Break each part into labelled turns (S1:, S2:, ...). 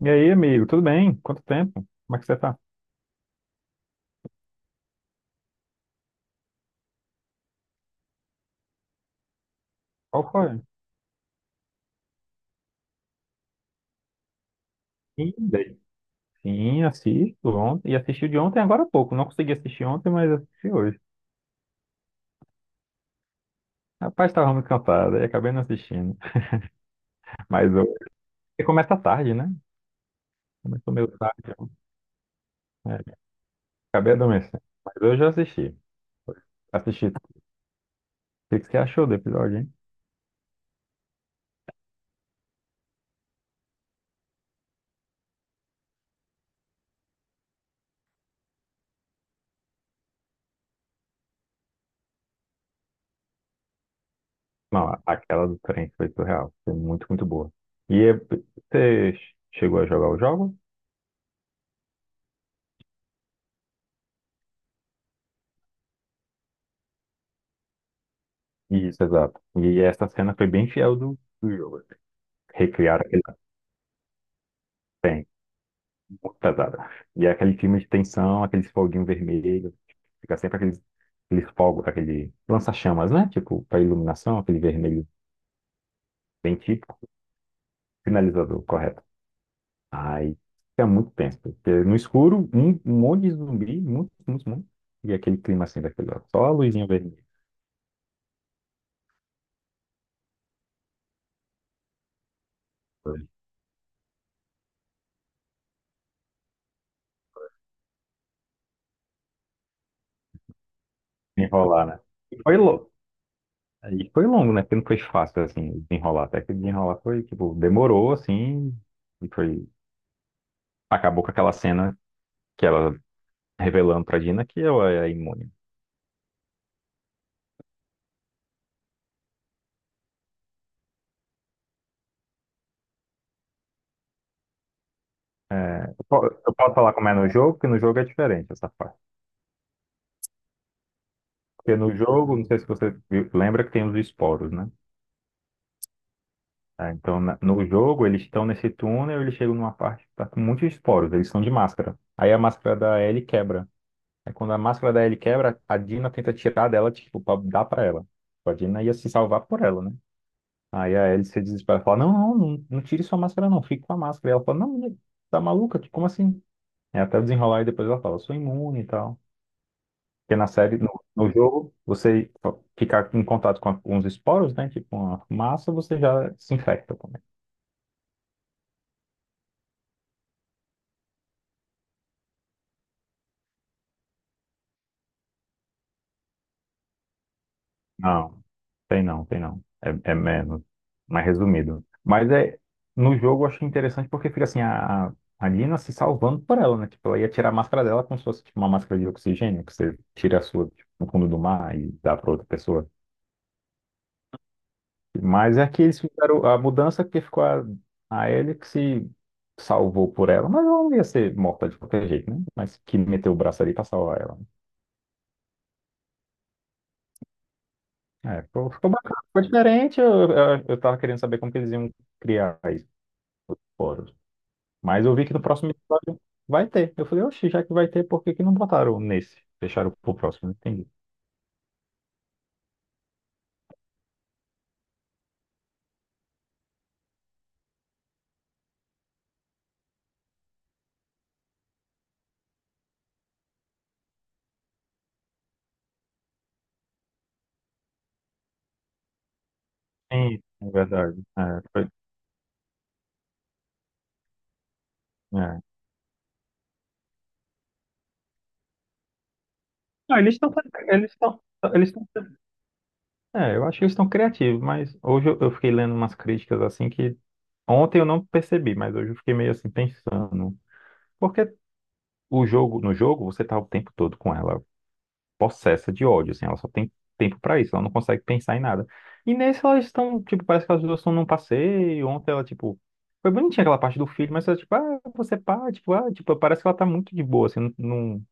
S1: E aí, amigo, tudo bem? Quanto tempo? Como é que você tá? Qual foi? Sim, daí. Sim, assisto ontem. E assisti de ontem agora há pouco. Não consegui assistir ontem, mas assisti hoje. Rapaz, estava muito cansado e acabei não assistindo. Mas hoje. Porque começa tarde, né? Começou meio tarde, então. É, acabei adormecendo. Mas hoje eu assisti. Assisti. O que que você achou do episódio, hein? Não, aquela do trem foi surreal. Foi muito, muito boa. E é- Você chegou a jogar o jogo? Isso, exato. E essa cena foi bem fiel do jogo. Recriar. Tem, muito pesada. E é aquele filme de tensão, aqueles foguinho vermelho, fica sempre aqueles fogos, aquele lança-chamas, né? Tipo, para iluminação, aquele vermelho bem típico, finalizador, correto. Aí fica muito tenso, porque no escuro, um monte de zumbi, muitos, muitos, muitos, e aquele clima assim daquele, ó, só a luzinha vermelha, pra enrolar, né? E foi longo, e foi longo, né? Porque não foi fácil, assim, desenrolar, até que desenrolar foi, tipo, demorou, assim, e foi, acabou com aquela cena que ela revelando pra Dina que ela é imune. É, eu posso falar como é no jogo, porque no jogo é diferente essa parte. Porque no jogo, não sei se lembra que tem os esporos, né? É, então, no jogo, eles estão nesse túnel, eles chegam numa parte que tá com muitos esporos, eles são de máscara. Aí a máscara da Ellie quebra. Aí quando a máscara da Ellie quebra, a Dina tenta tirar dela, tipo, pra dar pra ela. A Dina ia se salvar por ela, né? Aí a Ellie se desespera e fala, não, não, não, não tire sua máscara não, fique com a máscara. E ela fala, não, né, tá maluca? Como assim? É até o desenrolar e depois ela fala, sou imune e tal. Porque na série, no, no jogo, você ficar em contato com alguns esporos, né? Tipo uma massa, você já se infecta também. Não, tem não, tem não. É, é menos, mais resumido. Mas é, no jogo eu achei interessante porque fica assim, a Lina se salvando por ela, né? Tipo, ela ia tirar a máscara dela como se fosse tipo, uma máscara de oxigênio, que você tira a sua tipo, no fundo do mar e dá pra outra pessoa. Mas é que eles fizeram a mudança que ficou a Ellie que se salvou por ela, mas ela não ia ser morta de qualquer jeito, né? Mas que meteu o braço ali pra salvar ela. É, ficou, ficou bacana, ficou diferente. Eu tava querendo saber como que eles iam criar isso fora. Mas eu vi que no próximo episódio vai ter. Eu falei, oxi, já que vai ter, por que que não botaram nesse? Deixaram pro próximo, entendi. Sim, é verdade. É, foi- é. Não, eles estão eles estão. É, eu acho que eles estão criativos, mas hoje eu fiquei lendo umas críticas assim que ontem eu não percebi, mas hoje eu fiquei meio assim pensando. Porque o jogo, no jogo, você tá o tempo todo com ela possessa de ódio, assim, ela só tem tempo pra isso, ela não consegue pensar em nada. E nesse elas estão, tipo, parece que elas duas estão num passeio, ontem ela, tipo, foi bonitinha aquela parte do filho, mas ela, tipo, ah, você pá, tipo, ah, tipo, parece que ela tá muito de boa, assim, não, não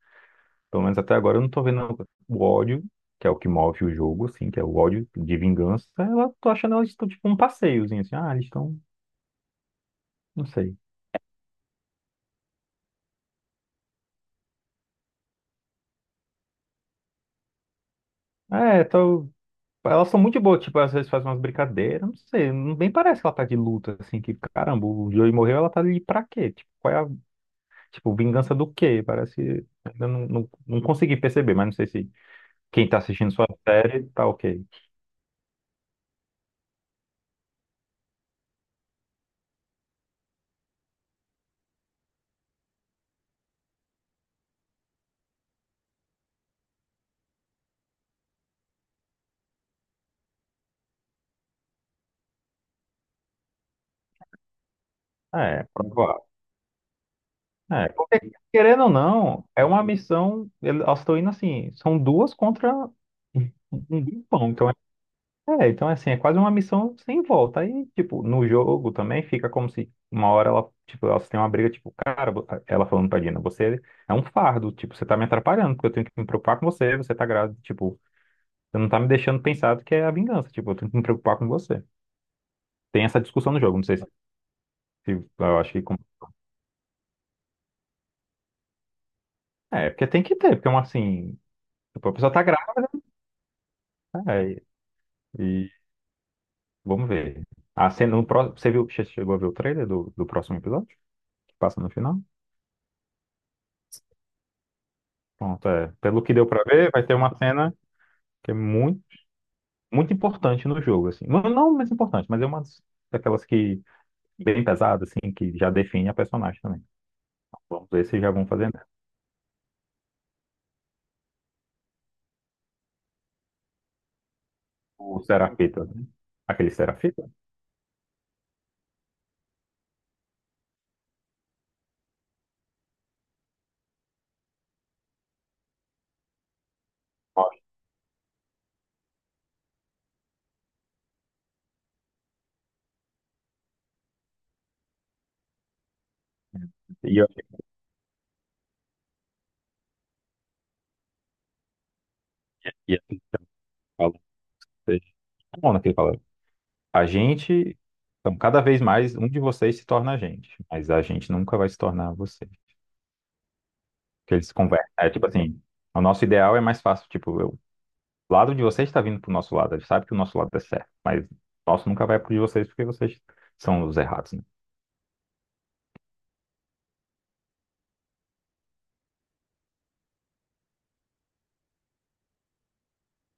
S1: pelo menos até agora eu não tô vendo o ódio, que é o que move o jogo, assim, que é o ódio de vingança. Ela, tô achando elas tipo, um passeiozinho, assim. Ah, eles estão, não sei. É, tô... Elas são muito boas, tipo, às vezes faz umas brincadeiras, não sei, nem parece que ela tá de luta, assim, que, caramba, o Joey morreu, ela tá ali pra quê? Tipo, qual é a, tipo, vingança do quê? Parece, ainda não, não, não consegui perceber, mas não sei se quem tá assistindo sua série tá ok. É, provável. É, porque, querendo ou não, é uma missão. Elas estão indo assim, são duas contra um um grupão. Então, é, é, então é assim, é quase uma missão sem volta. Aí, tipo, no jogo também fica como se uma hora ela, tipo, elas têm uma briga, tipo, cara, ela falando pra Dina, você é um fardo, tipo, você tá me atrapalhando, porque eu tenho que me preocupar com você, você tá grávida, tipo, você não tá me deixando pensar do que é a vingança, tipo, eu tenho que me preocupar com você. Tem essa discussão no jogo, não sei se eu acho que. É, porque tem que ter, porque é uma assim, tipo, a pessoa tá grávida. É, e vamos ver. A cena, no pró- você viu, chegou a ver o trailer do, do próximo episódio? Que passa no final? Pronto, é. Pelo que deu pra ver, vai ter uma cena que é muito, muito importante no jogo, assim. Não, não mais importante, mas é uma daquelas que bem pesada, assim, que já define a personagem também. Vamos ver se já vão fazer né? O Serafita, né? Aquele Serafita? Ó, e eu e assim, fala, bom, naquele fala, a gente, então, cada vez mais um de vocês se torna a gente, mas a gente nunca vai se tornar você. Que eles conversam. É tipo assim, o nosso ideal é mais fácil. Tipo, o lado de vocês está vindo pro nosso lado. A gente sabe que o nosso lado é certo, mas o nosso nunca vai pro de vocês porque vocês são os errados, né?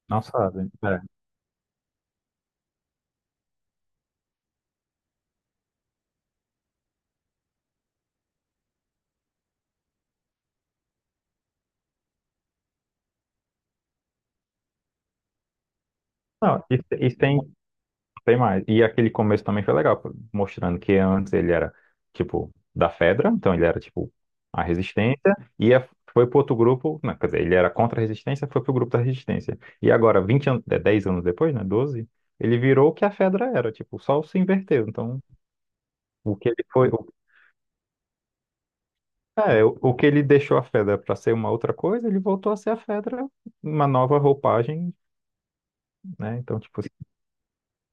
S1: Nossa, é. Não, isso tem, tem mais. E aquele começo também foi legal, pô, mostrando que antes ele era, tipo, da Fedra, então ele era, tipo, a resistência, e foi pro outro grupo, não, quer dizer, ele era contra a resistência, foi pro grupo da resistência. E agora, 20 anos, é, 10 anos depois, né, 12 ele virou o que a Fedra era, tipo, só se inverteu. Então, o que ele foi, o, é, o que ele deixou a Fedra para ser uma outra coisa, ele voltou a ser a Fedra, uma nova roupagem, né? Então, tipo, assim,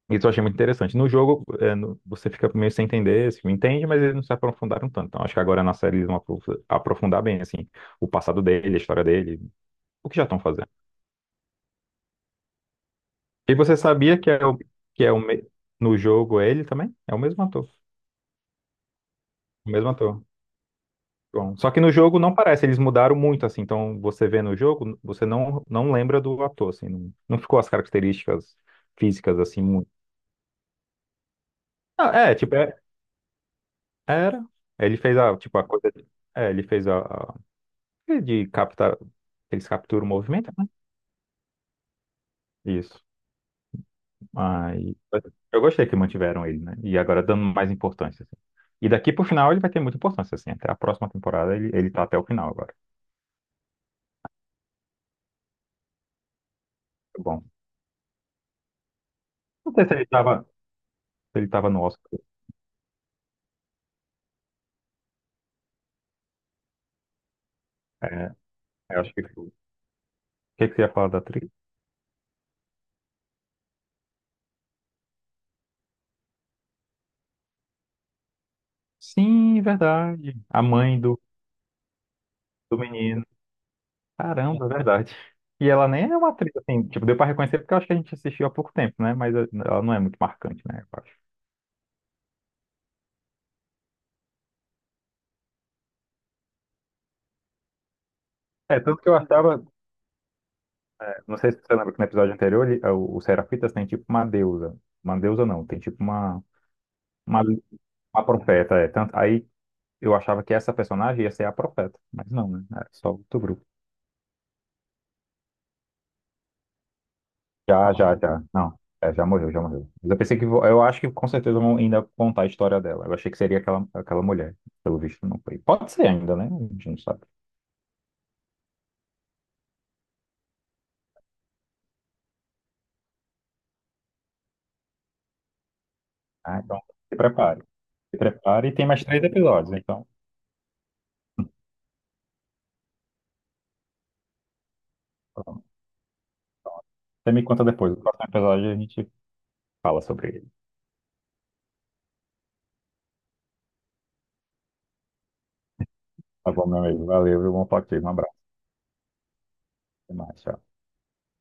S1: isso eu achei muito interessante. No jogo, é, você fica meio sem entender, assim, entende, mas eles não se aprofundaram tanto. Então, acho que agora na série eles vão aprofundar bem, assim, o passado dele, a história dele, o que já estão fazendo. E você sabia que é o, que é o, me- no jogo é ele também? É o mesmo ator, o mesmo ator. Bom, só que no jogo não parece, eles mudaram muito, assim, então você vê no jogo, você não, não lembra do ator, assim, não, não ficou as características físicas, assim, muito. Ah, é, tipo, era, ele fez a, tipo, a coisa, é, ele fez é de captar, eles capturam o movimento, né? Isso, aí, eu gostei que mantiveram ele, né, e agora dando mais importância, assim. E daqui pro final ele vai ter muita importância, assim, até a próxima temporada ele, ele tá até o final agora. Tá bom. Não sei se ele tava, no Oscar, é, eu acho que foi. Que é que você ia falar da atriz? Sim, verdade. A mãe do, do menino. Caramba, verdade. E ela nem é uma atriz, assim, tipo, deu pra reconhecer porque eu acho que a gente assistiu há pouco tempo, né? Mas eh, ela não é muito marcante, né? Eu acho. É, tanto que eu achava, eh, não sei se você lembra que no episódio anterior, eh, o Serafitas tem tipo uma deusa. Uma deusa não, tem tipo uma, uma profeta, é. Tanto, aí eu achava que essa personagem ia ser a profeta, mas não, né? É só o Tobru. Já, já, já. Não, é, já morreu, já morreu. Mas eu pensei que, eu acho que com certeza vão ainda contar a história dela. Eu achei que seria aquela, aquela mulher. Pelo visto, não foi. Pode ser ainda, né? A gente não sabe. Ah, então, se prepare. Se prepare. E tem mais três episódios, então. Pronto. Você me conta depois. No próximo episódio a gente fala sobre ele. Tá bom, meu amigo. Valeu, viu? Bom falar contigo. Um abraço. Até mais. Tchau.